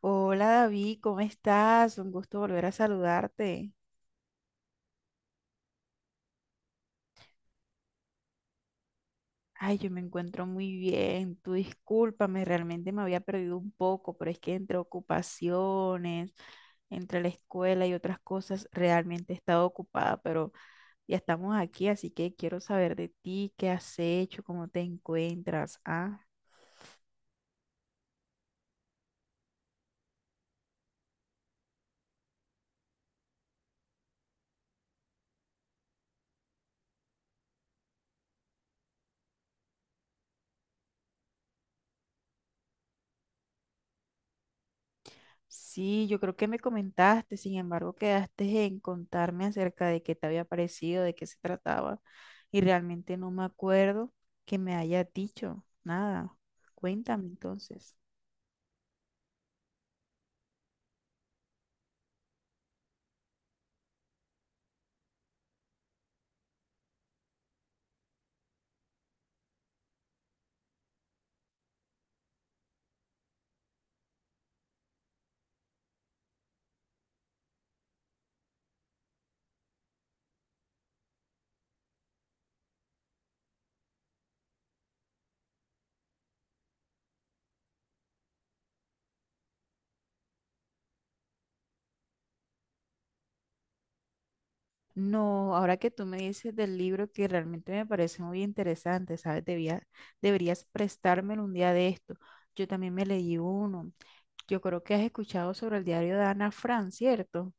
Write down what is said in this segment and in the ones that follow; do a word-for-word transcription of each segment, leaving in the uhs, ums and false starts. Hola David, ¿cómo estás? Un gusto volver a saludarte. Ay, yo me encuentro muy bien. Tú discúlpame, realmente me había perdido un poco, pero es que entre ocupaciones, entre la escuela y otras cosas, realmente he estado ocupada, pero ya estamos aquí, así que quiero saber de ti, qué has hecho, cómo te encuentras, ¿ah? Sí, yo creo que me comentaste, sin embargo, quedaste en contarme acerca de qué te había parecido, de qué se trataba, y realmente no me acuerdo que me haya dicho nada. Cuéntame entonces. No, ahora que tú me dices del libro que realmente me parece muy interesante, ¿sabes? Debía- deberías prestármelo un día de esto. Yo también me leí uno. Yo creo que has escuchado sobre el diario de Ana Frank, ¿cierto?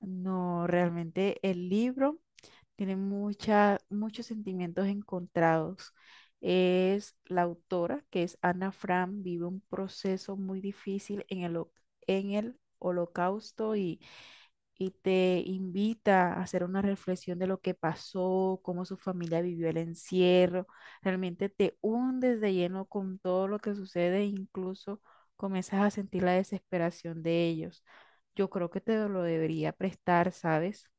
No, realmente el libro tiene mucha, muchos sentimientos encontrados. Es la autora, que es Ana Frank, vive un proceso muy difícil en el, ho- en el holocausto y, y te invita a hacer una reflexión de lo que pasó, cómo su familia vivió el encierro. Realmente te hundes de lleno con todo lo que sucede, e incluso comienzas a sentir la desesperación de ellos. Yo creo que te lo debería prestar, ¿sabes?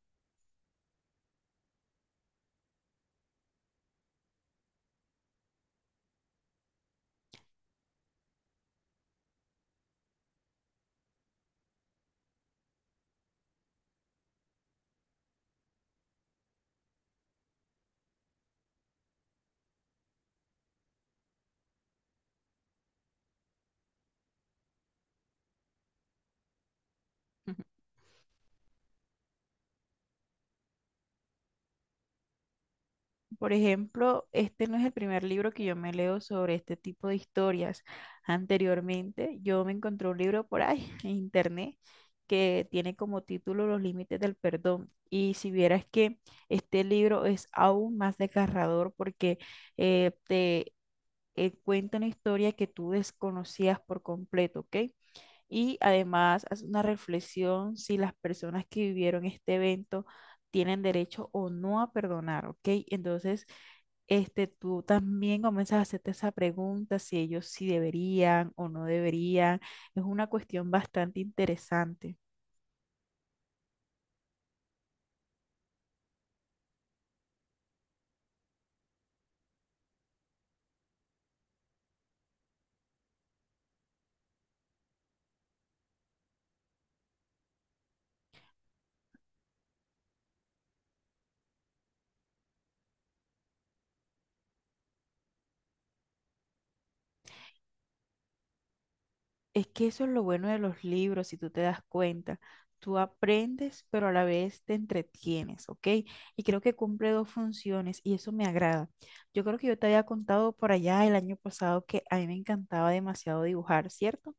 Por ejemplo, este no es el primer libro que yo me leo sobre este tipo de historias. Anteriormente, yo me encontré un libro por ahí en internet que tiene como título Los límites del perdón. Y si vieras que este libro es aún más desgarrador porque eh, te eh, cuenta una historia que tú desconocías por completo, ¿ok? Y además hace una reflexión si las personas que vivieron este evento tienen derecho o no a perdonar, ¿ok? Entonces, este, tú también comienzas a hacerte esa pregunta si ellos sí deberían o no deberían. Es una cuestión bastante interesante. Es que eso es lo bueno de los libros, si tú te das cuenta. Tú aprendes, pero a la vez te entretienes, ¿ok? Y creo que cumple dos funciones y eso me agrada. Yo creo que yo te había contado por allá el año pasado que a mí me encantaba demasiado dibujar, ¿cierto?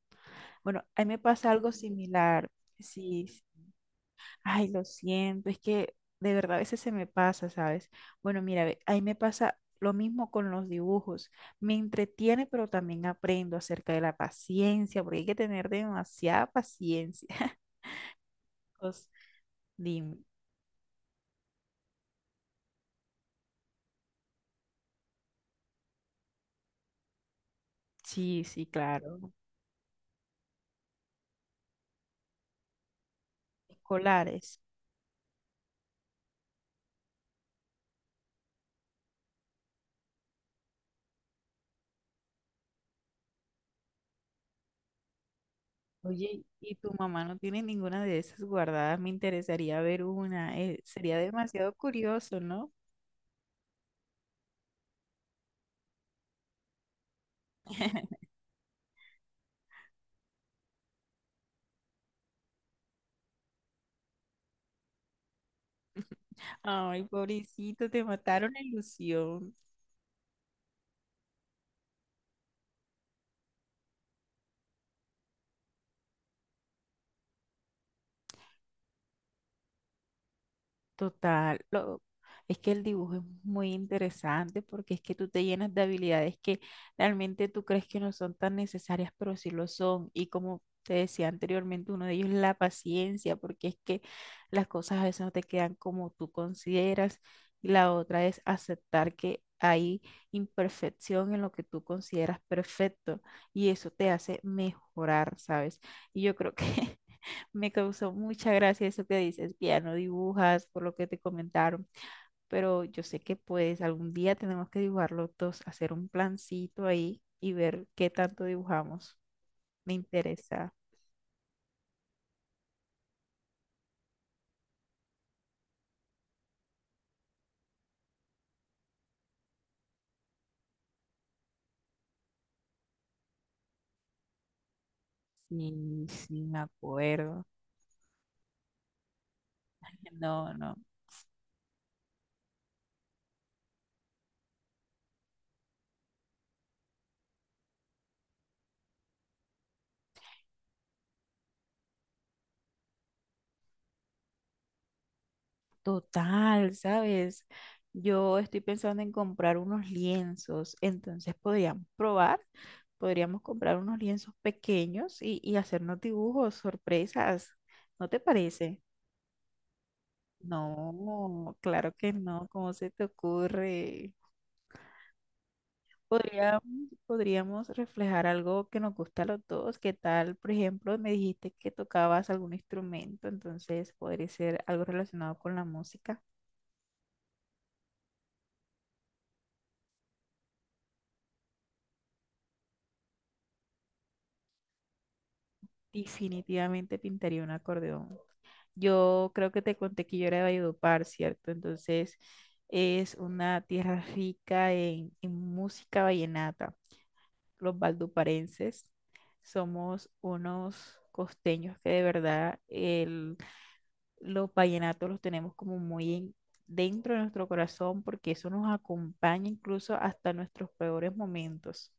Bueno, a mí me pasa algo similar. Sí. Ay, lo siento, es que de verdad a veces se me pasa, ¿sabes? Bueno, mira, ve, ahí me pasa lo mismo con los dibujos. Me entretiene, pero también aprendo acerca de la paciencia, porque hay que tener demasiada paciencia. Pues, dime. Sí, sí, claro. Escolares. Oye, ¿y tu mamá no tiene ninguna de esas guardadas? Me interesaría ver una. Eh, sería demasiado curioso, ¿no? Ay, pobrecito, te mataron la ilusión. Total, lo- es que el dibujo es muy interesante porque es que tú te llenas de habilidades que realmente tú crees que no son tan necesarias, pero sí lo son. Y como te decía anteriormente, uno de ellos es la paciencia, porque es que las cosas a veces no te quedan como tú consideras. Y la otra es aceptar que hay imperfección en lo que tú consideras perfecto y eso te hace mejorar, ¿sabes? Y yo creo que me causó mucha gracia eso que dices, que ya no dibujas por lo que te comentaron, pero yo sé que pues algún día tenemos que dibujar los dos, hacer un plancito ahí y ver qué tanto dibujamos. Me interesa. Sí, sí, me acuerdo. No, no. Total, ¿sabes? Yo estoy pensando en comprar unos lienzos, entonces podríamos probar, podríamos comprar unos lienzos pequeños y, y hacernos dibujos, sorpresas. ¿No te parece? No, claro que no, ¿cómo se te ocurre? Podríamos, podríamos reflejar algo que nos gusta a los dos. ¿Qué tal? Por ejemplo, me dijiste que tocabas algún instrumento, entonces podría ser algo relacionado con la música. Definitivamente pintaría un acordeón. Yo creo que te conté que yo era de Valledupar, ¿cierto? Entonces es una tierra rica en, en música vallenata. Los valduparenses somos unos costeños que de verdad el, los vallenatos los tenemos como muy en- dentro de nuestro corazón porque eso nos acompaña incluso hasta nuestros peores momentos.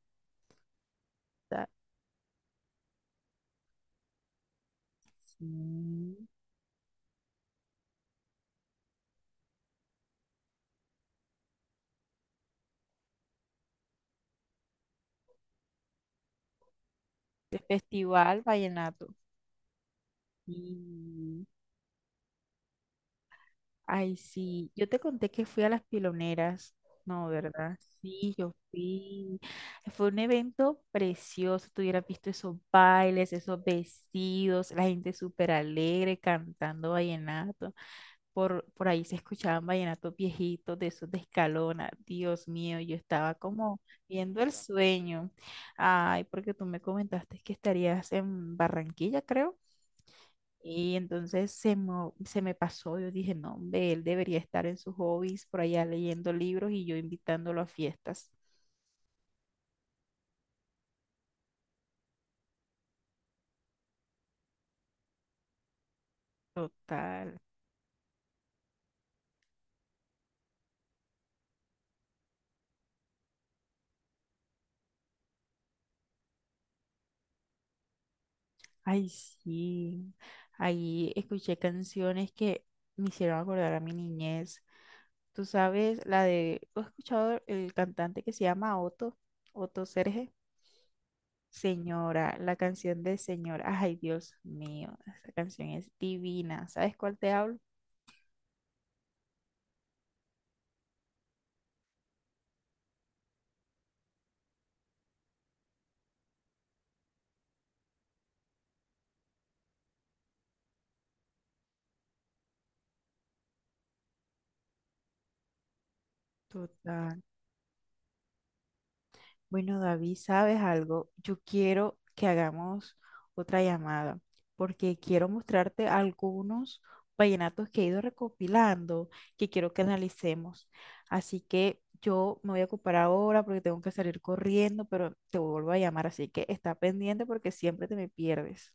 O sea, sí, el Festival Vallenato. Sí. Ay, sí, yo te conté que fui a las piloneras, ¿no, verdad? Sí, yo fui. Fue un evento precioso, tú hubieras visto esos bailes, esos vestidos, la gente súper alegre cantando vallenato. Por, por ahí se escuchaban vallenatos viejitos de esos de Escalona. Dios mío, yo estaba como viendo el sueño. Ay, porque tú me comentaste que estarías en Barranquilla, creo. Y entonces se me, se me pasó, yo dije, no, hombre, él debería estar en sus hobbies, por allá leyendo libros y yo invitándolo a fiestas. Total. Ay, sí. Ahí escuché canciones que me hicieron acordar a mi niñez. Tú sabes, la de, ¿tú has escuchado el cantante que se llama Otto? Otto Serge. Señora, la canción de Señora. Ay, Dios mío, esa canción es divina. ¿Sabes cuál te hablo? Total. Bueno, David, ¿sabes algo? Yo quiero que hagamos otra llamada porque quiero mostrarte algunos vallenatos que he ido recopilando que quiero que analicemos. Así que yo me voy a ocupar ahora porque tengo que salir corriendo, pero te vuelvo a llamar, así que está pendiente porque siempre te me pierdes.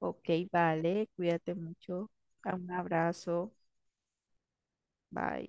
Ok, vale, cuídate mucho. Un abrazo. Bye.